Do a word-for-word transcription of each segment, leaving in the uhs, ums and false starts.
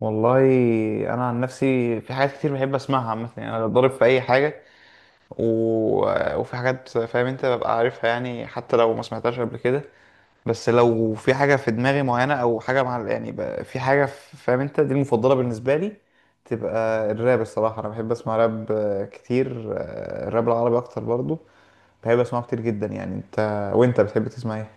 والله انا عن نفسي في حاجات كتير بحب اسمعها عامه، يعني انا ضارب في اي حاجه. و... وفي حاجات، فاهم انت، ببقى عارفها يعني حتى لو ما سمعتهاش قبل كده. بس لو في حاجه في دماغي معينه او حاجه مع، يعني ب... في حاجه ف- فاهم انت دي المفضله بالنسبه لي. تبقى الراب. الصراحه انا بحب اسمع راب آه، كتير، آه، الراب العربي اكتر برضو. بحب اسمعه كتير جدا يعني. انت، وانت بتحب تسمع ايه؟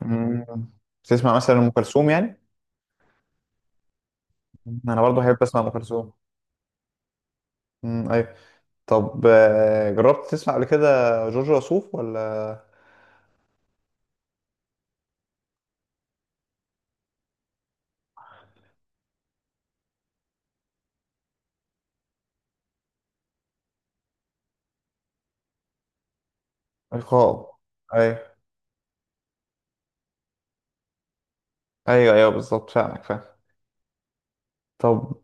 مم. بتسمع مثلا ام كلثوم يعني؟ انا برضو بحب اسمع ام كلثوم. مم، ايوه. طب آه، جربت تسمع قبل كده جورج وسوف ولا؟ عقاب. ايوه، ايوه ايوه بالظبط، فاهمك فاهم. طب.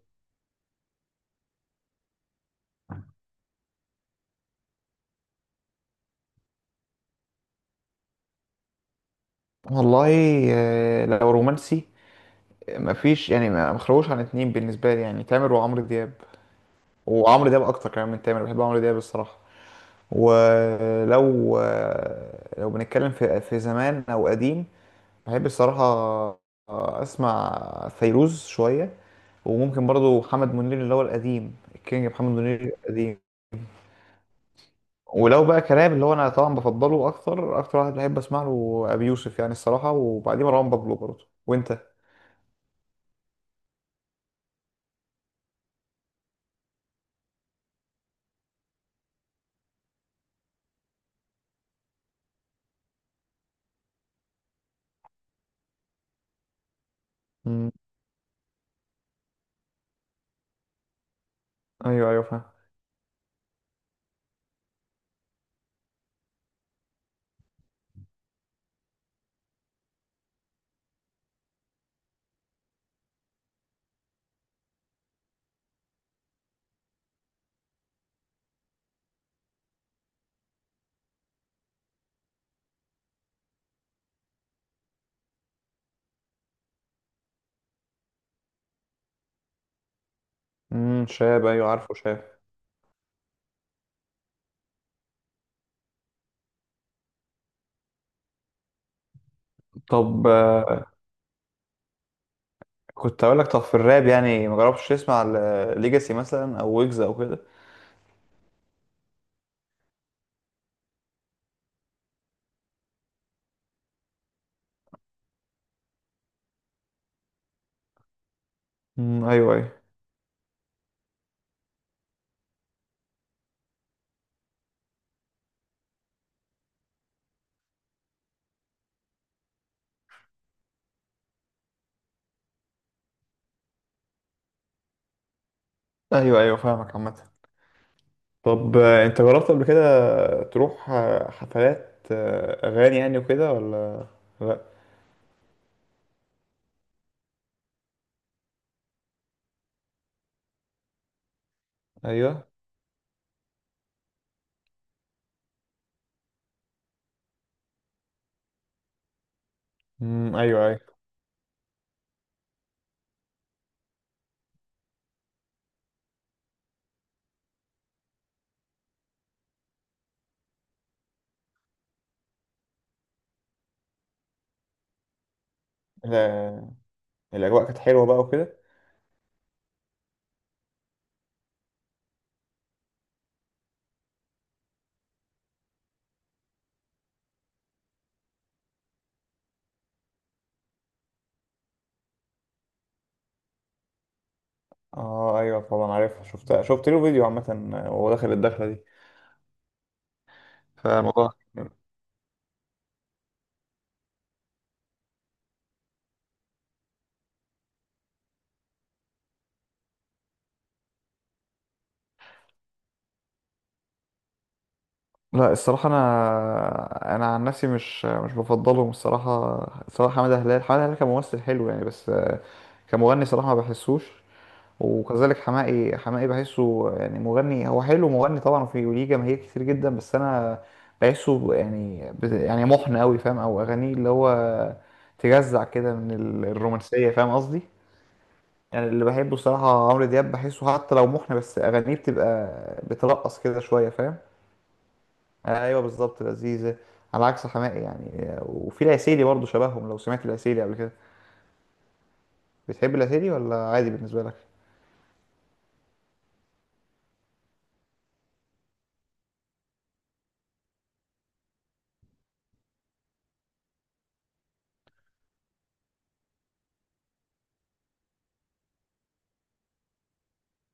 والله، آه، لو رومانسي، آه، مفيش يعني ما ما خلوش عن اتنين بالنسبه لي، يعني تامر وعمرو دياب. وعمرو دياب اكتر كمان من تامر، بحب عمرو دياب الصراحه. ولو آه، لو بنتكلم في في زمان او قديم، بحب الصراحه آه، اسمع فيروز شويه. وممكن برضو محمد منير اللي هو القديم، الكينج محمد منير القديم. ولو بقى كلام، اللي هو انا طبعا بفضله، اكتر اكتر واحد بحب اسمع له ابي يوسف يعني الصراحه، وبعديه مروان بابلو برضه. وانت؟ مم. ايوه ايوه فاهم. امم شاب، ايوه عارفه شاب. طب آه، كنت اقول لك، طب في الراب يعني ما جربتش تسمع ليجاسي مثلا او ويجز او كده؟ امم ايوه ايوه. ايوه ايوه فاهمك عامه. طب آه، انت جربت قبل كده تروح آه، حفلات آه، اغاني يعني وكده ولا لا؟ ايوه. امم ايوه ايوه. لا، الاجواء كانت حلوه بقى وكده. اه ايوه طبعا عارفها، شفت شفت له فيديو عامة آه، وهو داخل الدخلة دي. فالموضوع، لا الصراحة، أنا أنا عن نفسي مش مش بفضلهم الصراحة. سواء حمادة هلال، حمادة هلال كممثل حلو يعني، بس آه، كمغني صراحة ما بحسوش. وكذلك حماقي، حماقي بحسه يعني مغني هو، حلو مغني طبعا وفي ليه جماهير كتير جدا، بس أنا بحسه يعني بت- يعني محن أوي فاهم، أو أغانيه اللي هو تجزع كده من ال- الرومانسية، فاهم قصدي. يعني اللي بحبه الصراحة عمرو دياب، بحسه حتى لو محن بس أغانيه بتبقى بترقص كده شوية، فاهم. أيوه بالظبط لذيذة. على عكس حماقي يعني. وفي العسيلي برضه شبههم، لو سمعت العسيلي قبل كده. بتحب العسيلي ولا عادي بالنسبة لك؟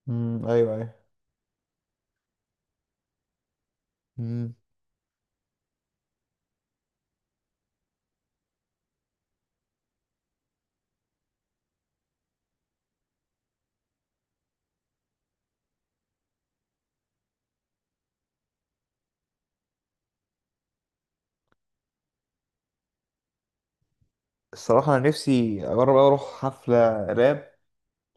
امم ايوه ايوه. امم. الصراحة أنا نفسي أجرب أوي أروح حفلة راب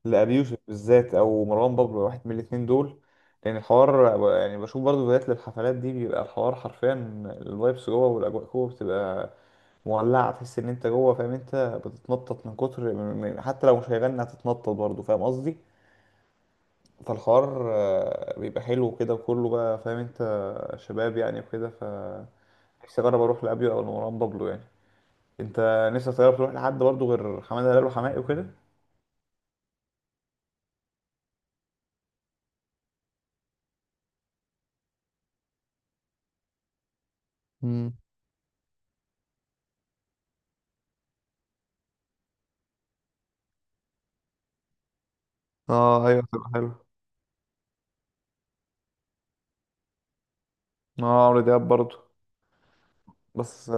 لأبي يوسف بالذات أو مروان بابلو، واحد من الاتنين دول. لأن الحوار يعني، بشوف برضه فيديوهات للحفلات دي، بيبقى الحوار حرفيا الفايبس جوه والأجواء جوه بتبقى مولعة. تحس ان انت جوه فاهم انت، بتتنطط من كتر من- من- حتى لو مش هيغني هتتنطط برضه، فاهم قصدي. فالحوار آه، بيبقى حلو كده، وكله بقى فاهم انت شباب يعني وكده. ف نفسي اجرب اروح لابيو او لمروان بابلو يعني. انت نفسك تجرب تروح لحد برضه غير حماده هلال وحماقي وكده؟ مم. اه ايوه تبقى حلو. اه عمرو دياب برضه. بس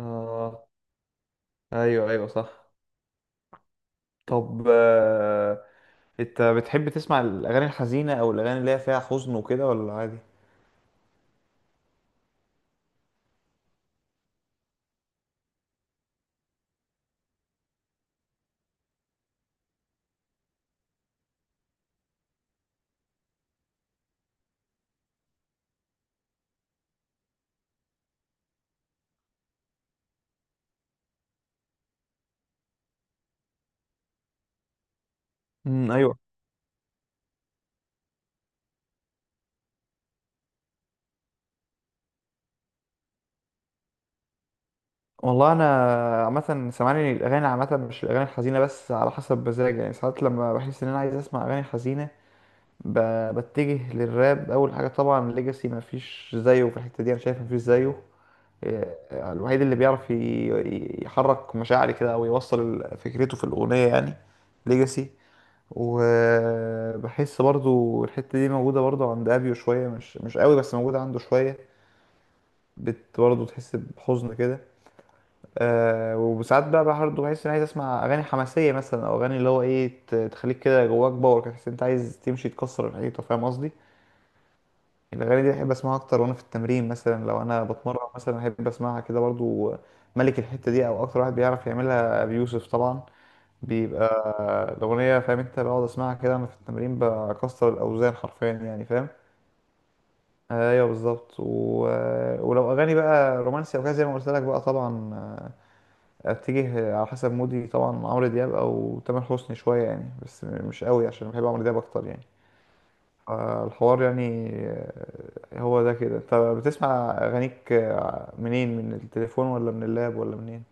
اه ايوه ايوه صح. طب آه، انت بتحب تسمع الاغاني الحزينه، او الاغاني اللي هي فيها حزن وكده، ولا عادي؟ مم، ايوه. والله انا عامه، سامعني الاغاني عامه مش الاغاني الحزينه بس، على حسب مزاجي يعني. ساعات لما بحس ان انا عايز اسمع اغاني حزينه، ب... بتجه للراب اول حاجه. طبعا ليجاسي مفيش زيه في الحته دي، انا شايف مفيش زيه. إيه، الوحيد اللي بيعرف ي- يحرك مشاعري كده، او يوصل ال- فكرته في الاغنيه يعني، ليجاسي. وبحس برضو الحته دي موجوده برضو عند ابيو شويه، مش مش قوي بس موجوده عنده شويه. بت برضو تحس بحزن كده. آه وساعات بقى برضه بحس اني عايز اسمع اغاني حماسيه مثلا، او اغاني اللي هو ايه، ت- تخليك كده جواك باور كده، تحس إن انت عايز تمشي تكسر الحيطه، فاهم قصدي. الاغاني دي بحب اسمعها اكتر، وانا في التمرين مثلا، لو انا بتمرن مثلا بحب اسمعها كده برضه. ملك الحته دي او اكتر واحد بيعرف يعملها بيوسف طبعا. بيبقى الاغنيه فاهم انت، بقعد اسمعها كده انا في التمرين، بكسر الاوزان حرفيا يعني، فاهم. ايوه بالظبط. و... ولو اغاني بقى رومانسي او كده، زي ما قلت لك بقى طبعا اتجه على حسب مودي. طبعا عمرو دياب او تامر حسني شويه يعني، بس مش قوي عشان بحب عمرو دياب اكتر يعني. آه، الحوار يعني. هو ده كده. انت بتسمع اغانيك منين، من التليفون ولا من اللاب ولا منين؟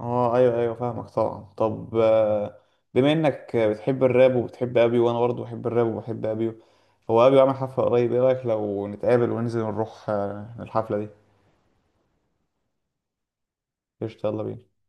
اه ايوه ايوه فاهمك طبعا. طب آه، بما انك بتحب الراب وبتحب ابيو، وانا برضه بحب الراب وبحب ابيو، هو ابيو عامل حفله قريب، ايه رايك لو نتقابل وننزل نروح آه، الحفله دي؟ قشطة يلا بينا.